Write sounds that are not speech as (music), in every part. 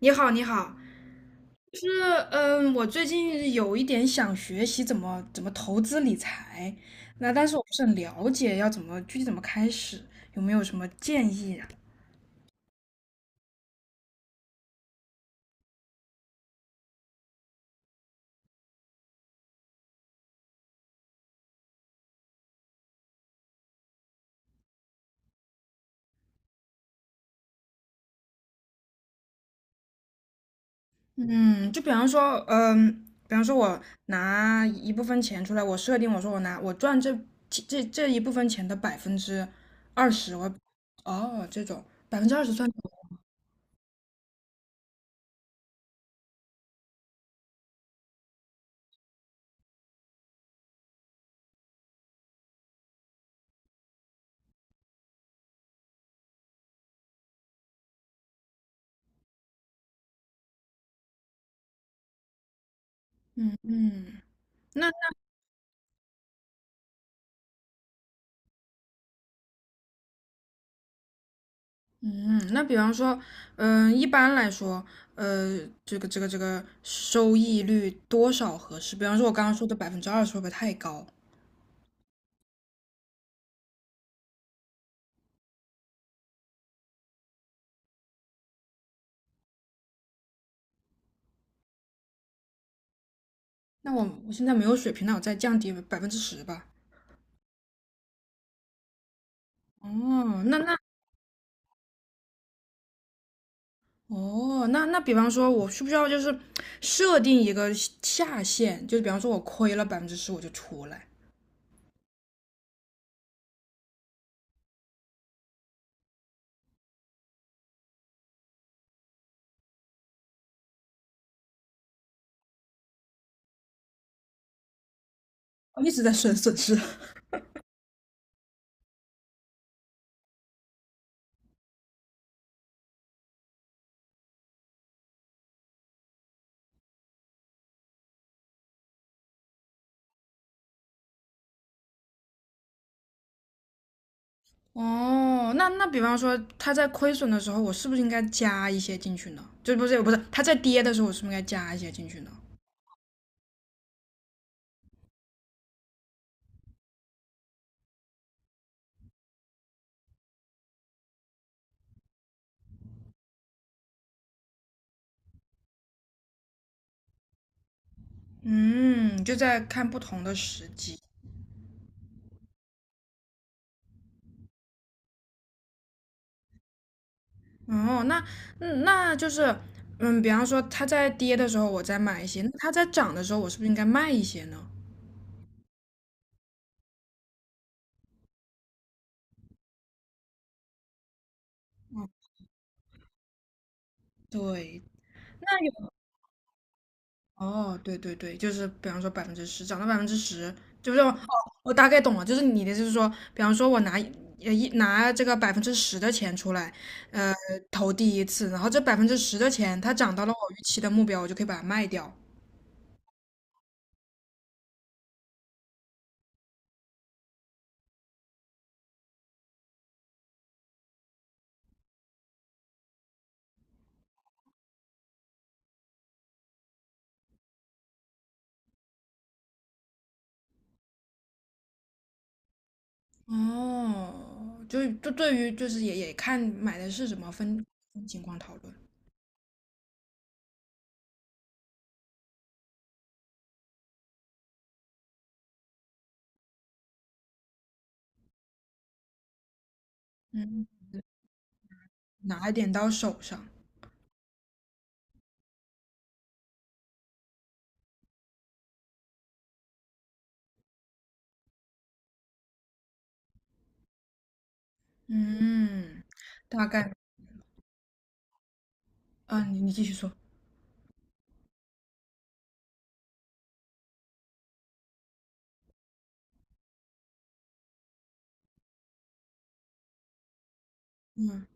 你好，你好。就是我最近有一点想学习怎么投资理财，那但是我不是很了解要怎么具体怎么开始，有没有什么建议啊？嗯，就比方说，比方说我拿一部分钱出来，我设定我说我拿我赚这一部分钱的百分之二十，我哦这种百分之二十算嗯。那。嗯，那比方说，一般来说，呃，这个收益率多少合适？比方说，我刚刚说的百分之二十会不会太高？那我现在没有水平，那我再降低百分之十吧。哦，那哦，那比方说，我需不需要就是设定一个下限？就是比方说，我亏了百分之十我就出来，我一直在损失。(laughs) 哦，那比方说它在亏损的时候，我是不是应该加一些进去呢？就不是它在跌的时候，我是不是应该加一些进去呢？嗯，就在看不同的时机。哦，那比方说它在跌的时候，我再买一些；那它在涨的时候，我是不是应该卖一些呢？哦，对，那有。哦，对对对，就是比方说百分之十，涨到百分之十，就是哦，我大概懂了，就是你的意思是说，比方说我拿一呃一拿这个百分之十的钱出来，呃，投第一次，然后这百分之十的钱它涨到了我预期的目标，我就可以把它卖掉。哦，就对于就是也看买的是什么分情况讨论，嗯，拿一点到手上，嗯，大概，嗯、你继续说，嗯，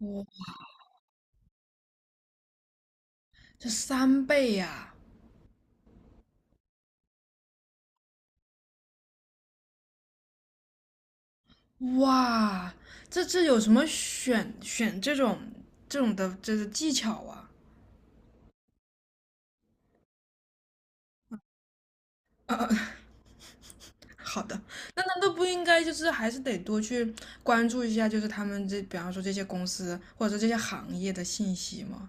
我这3倍呀、哇，这有什么选这种的这个技巧啊？呃，(laughs) 好的，那难道不应该就是还是得多去关注一下，就是他们这比方说这些公司或者说这些行业的信息吗？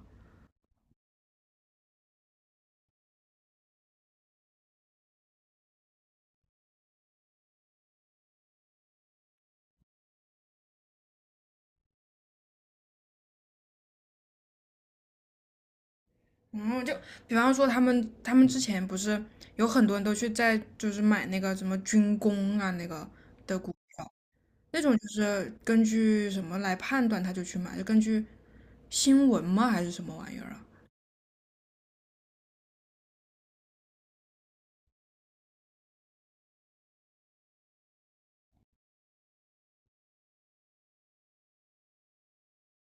嗯，就比方说他们之前不是有很多人都去在就是买那个什么军工啊那个的股票，那种就是根据什么来判断他就去买，就根据新闻吗还是什么玩意儿啊？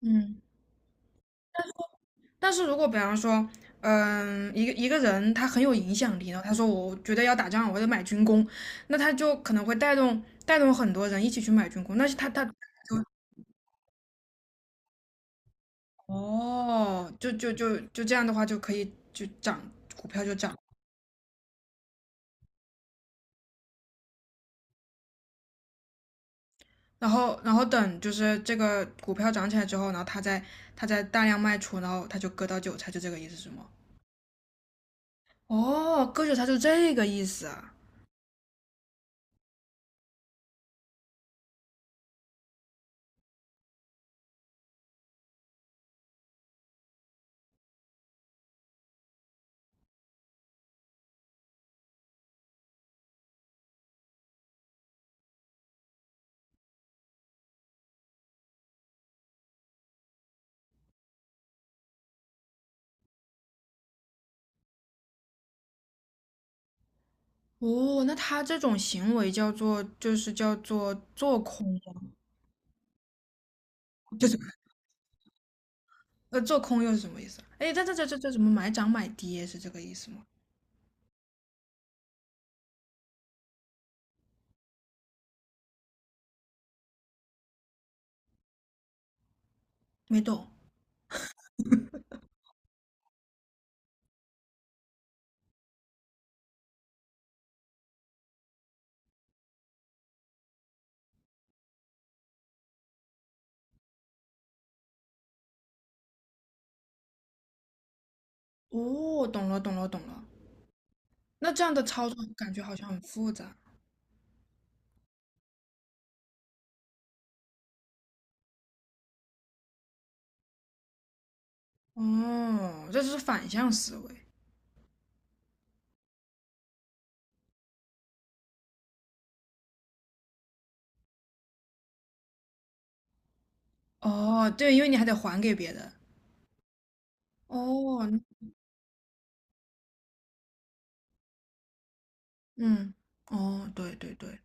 嗯。但是如果比方说，一个人他很有影响力，然后他说我觉得要打仗，我得买军工，那他就可能会带动很多人一起去买军工，那是他就哦，就这样的话就可以就涨，股票就涨，然后等就是这个股票涨起来之后，然后他再大量卖出，然后他就割到韭菜，就这个意思是吗？哦，割韭菜就这个意思啊。哦，那他这种行为叫做做空就是 (laughs) 做空又是什么意思啊？哎，这什么买涨买跌是这个意思吗？没懂。哦，懂了懂了懂了。那这样的操作感觉好像很复杂。哦，这是反向思维。哦，对，因为你还得还给别人。哦，嗯，哦，对对对，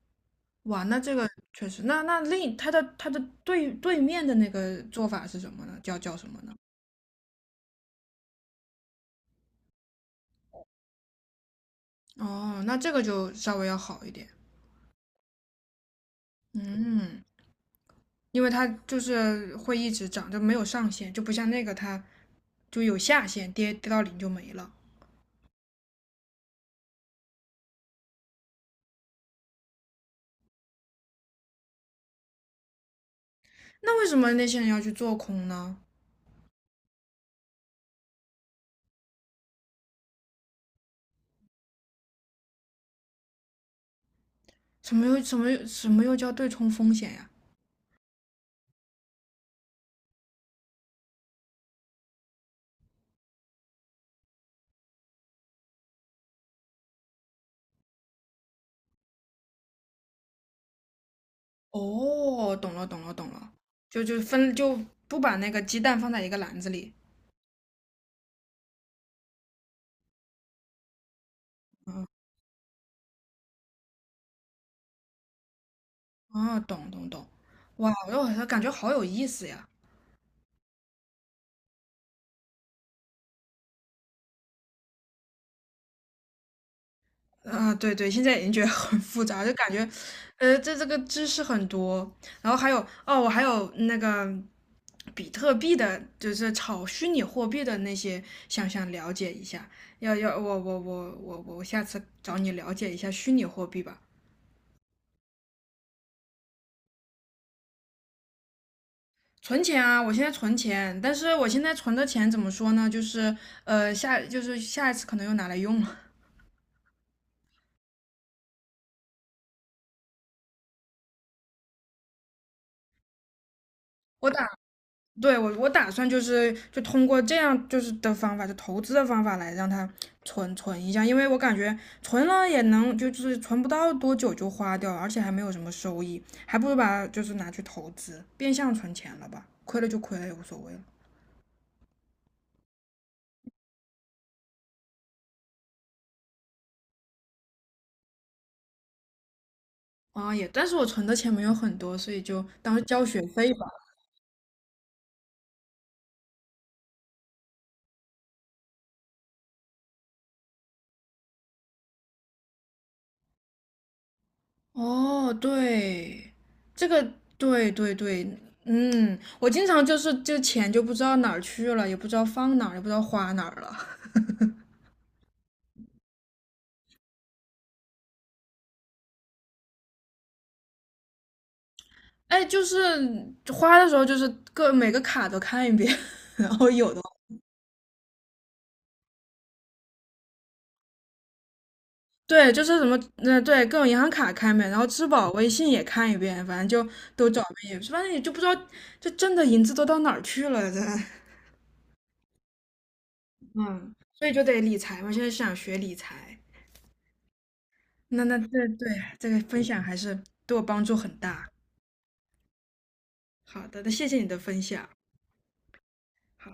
哇，那这个确实，那他的对面的那个做法是什么呢？叫什么呢？哦，那这个就稍微要好一点。嗯。因为它就是会一直涨，就没有上限，就不像那个它就有下限，跌到零就没了。那为什么那些人要去做空呢？什么又叫对冲风险呀？哦，懂了懂了懂了，就不把那个鸡蛋放在一个篮子里。哦，懂懂懂，哇，我好像感觉好有意思呀。啊，对对，现在已经觉得很复杂，就感觉，这个知识很多，然后还有哦，我还有那个比特币的，就是炒虚拟货币的那些，想了解一下。要，我下次找你了解一下虚拟货币吧。存钱啊，我现在存钱，但是我现在存的钱怎么说呢？就是呃下，就是下一次可能又拿来用了。(laughs) 我打。对我打算就是就通过这样就是的方法，就投资的方法来让它存存一下，因为我感觉存了也能就是存不到多久就花掉了，而且还没有什么收益，还不如把它就是拿去投资，变相存钱了吧，亏了就亏了也无所谓了。啊，但是我存的钱没有很多，所以就当交学费吧。哦，对，这个对对对，我经常就是这钱就不知道哪儿去了，也不知道放哪儿，也不知道花哪儿了。哎，就是花的时候，就是每个卡都看一遍，(laughs) 然后对，就是什么，对，各种银行卡看一遍，然后支付宝、微信也看一遍，反正就都找一是，也反正也就不知道这挣的银子都到哪儿去了，嗯，所以就得理财嘛，现在想学理财，那对这个分享还是对我帮助很大。好的，那谢谢你的分享。好。